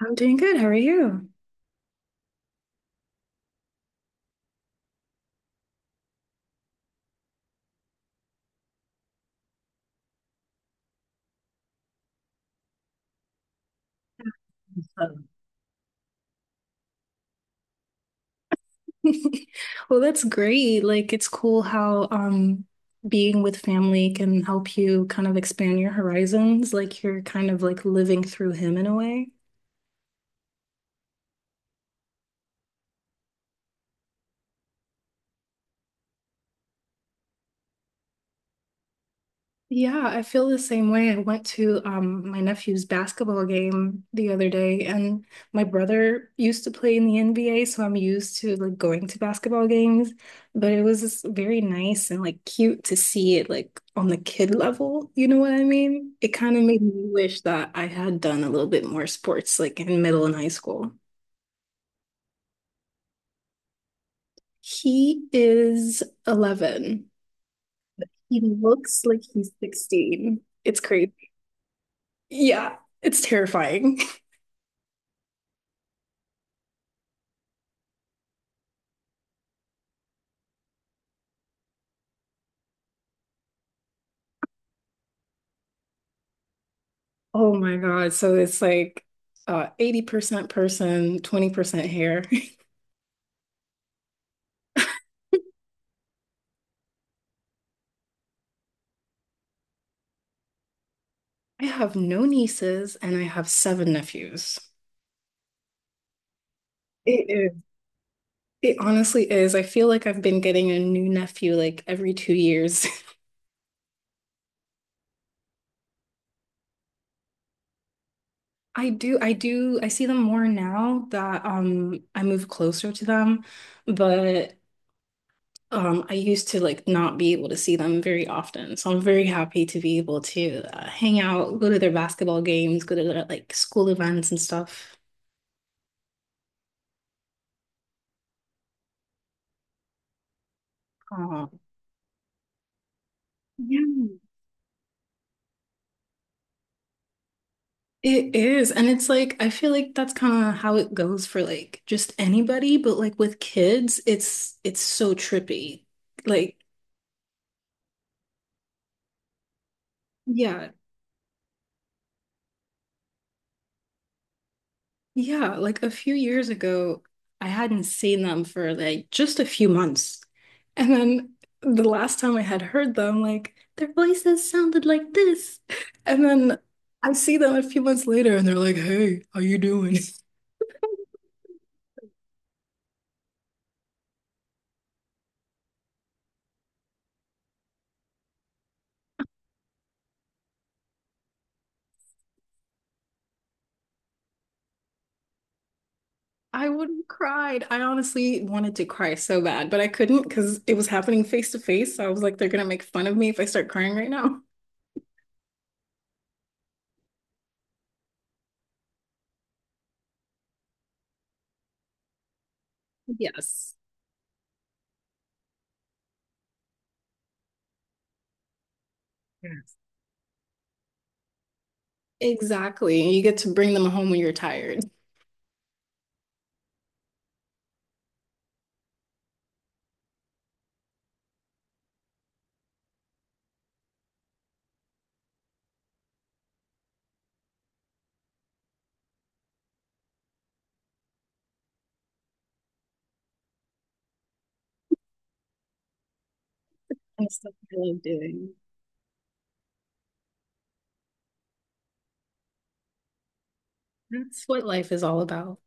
I'm doing good. How are you? Well, that's great. Like, it's cool how being with family can help you kind of expand your horizons. Like, you're kind of like living through him in a way. Yeah, I feel the same way. I went to my nephew's basketball game the other day, and my brother used to play in the NBA, so I'm used to like going to basketball games. But it was just very nice and like cute to see it like on the kid level. You know what I mean? It kind of made me wish that I had done a little bit more sports like in middle and high school. He is 11. He looks like he's 16. It's crazy. Yeah, it's terrifying. Oh my God. So it's like 80% person, 20% hair. I have no nieces and I have seven nephews. It is. It honestly is. I feel like I've been getting a new nephew like every 2 years. I do, I do, I see them more now that I move closer to them, but I used to like not be able to see them very often. So I'm very happy to be able to hang out, go to their basketball games, go to their like school events and stuff. Oh, yeah, it is. And it's like, I feel like that's kind of how it goes for like just anybody, but like with kids, it's so trippy. Like, yeah. Yeah, like a few years ago, I hadn't seen them for like just a few months. And then the last time I had heard them, like their voices sounded like this. And then I see them a few months later and they're like, "Hey, how you doing?" I would have cried. I honestly wanted to cry so bad, but I couldn't because it was happening face to face. So I was like, they're gonna make fun of me if I start crying right now. Yes. Yeah. Exactly. And you get to bring them home when you're tired. That's what I love doing. That's what life is all about.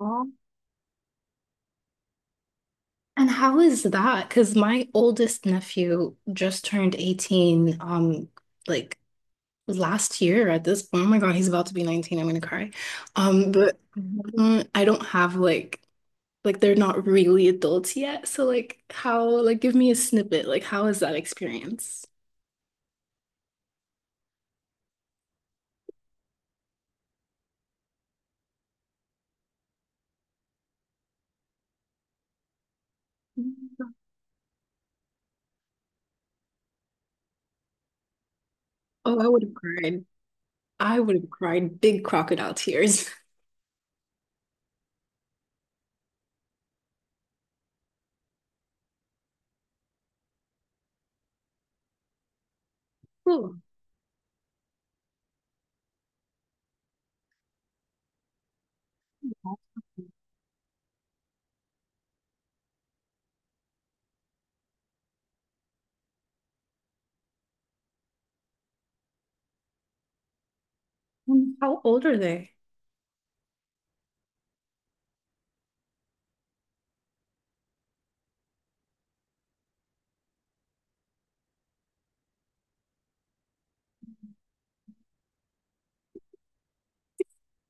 Aw. And how is that? Because my oldest nephew just turned 18, like last year at this point. Oh my God, he's about to be 19. I'm gonna cry. But I don't have like they're not really adults yet. So like how like give me a snippet. Like how is that experience? Oh, I would have cried. I would have cried big crocodile tears. Ooh, how old are they?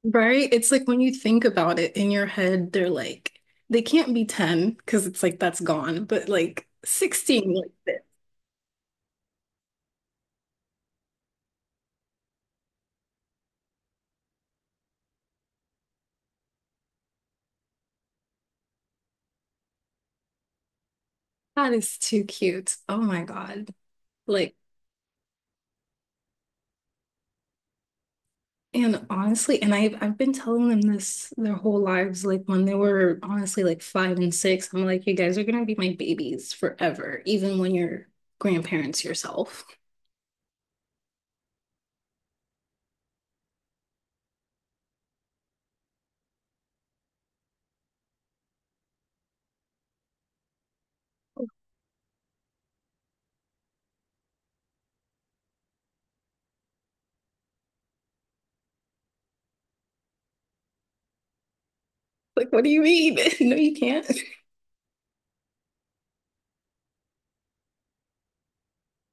Right? It's like when you think about it in your head, they're like, they can't be 10 because it's like that's gone, but like 16, like that is too cute. Oh my God. Like, and honestly, and I've been telling them this their whole lives, like when they were honestly like five and six, I'm like, you guys are gonna be my babies forever, even when you're grandparents yourself. Like, what do you mean? No, you can't.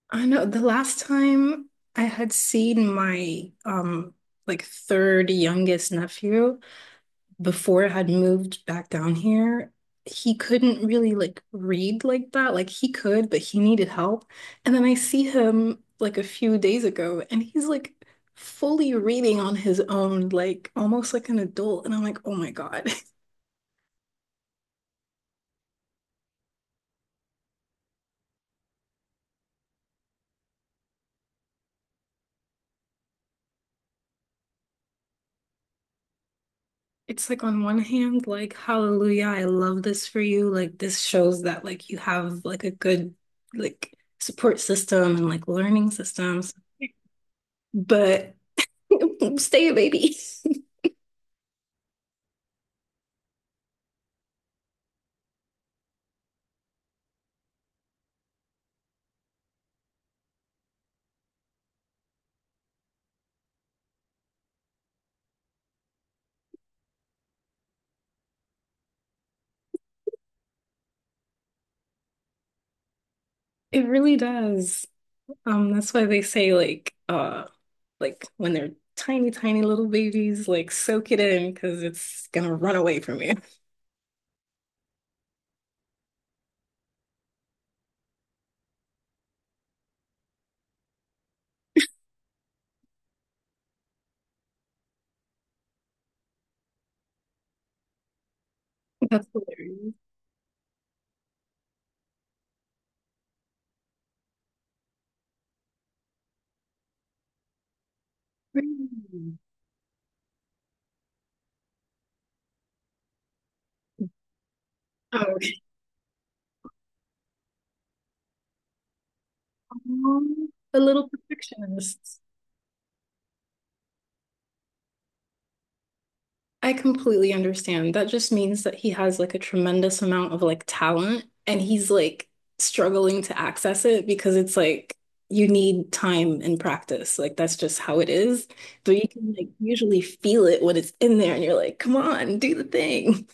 I know the last time I had seen my like third youngest nephew before I had moved back down here, he couldn't really like read like that. Like he could, but he needed help. And then I see him like a few days ago and he's like fully reading on his own, like almost like an adult. And I'm like, oh my God. It's like on one hand, like, hallelujah, I love this for you. Like this shows that like you have like a good like support system and like learning systems. But stay a baby. It really does. That's why they say like when they're tiny, tiny little babies, like soak it in because it's gonna run away from you. That's hilarious. Really? Oh, okay. A little perfectionist. I completely understand. That just means that he has like a tremendous amount of like talent and he's like struggling to access it because it's like you need time and practice. Like that's just how it is. But you can like usually feel it when it's in there and you're like, come on, do the thing.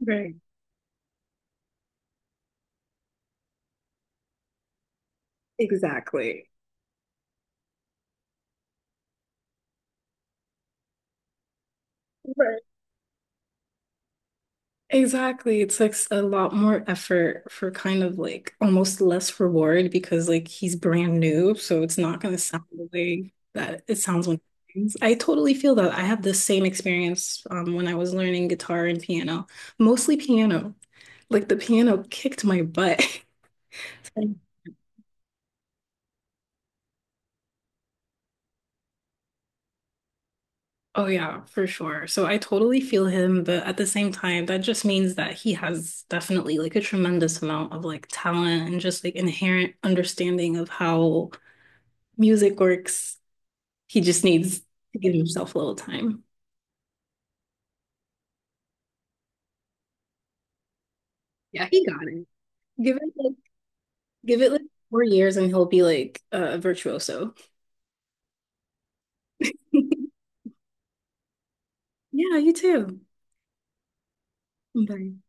Right. Exactly. Right. Exactly. It takes a lot more effort for kind of like almost less reward because like he's brand new, so it's not gonna sound the way that it sounds when I totally feel that. I had the same experience when I was learning guitar and piano, mostly piano. Like the piano kicked my butt. Oh yeah, for sure. So I totally feel him, but at the same time, that just means that he has definitely like a tremendous amount of like talent and just like inherent understanding of how music works. He just needs to give himself a little time. Yeah, he got it. Give it like give it like 4 years and he'll be like a virtuoso. Yeah, you too. Bye.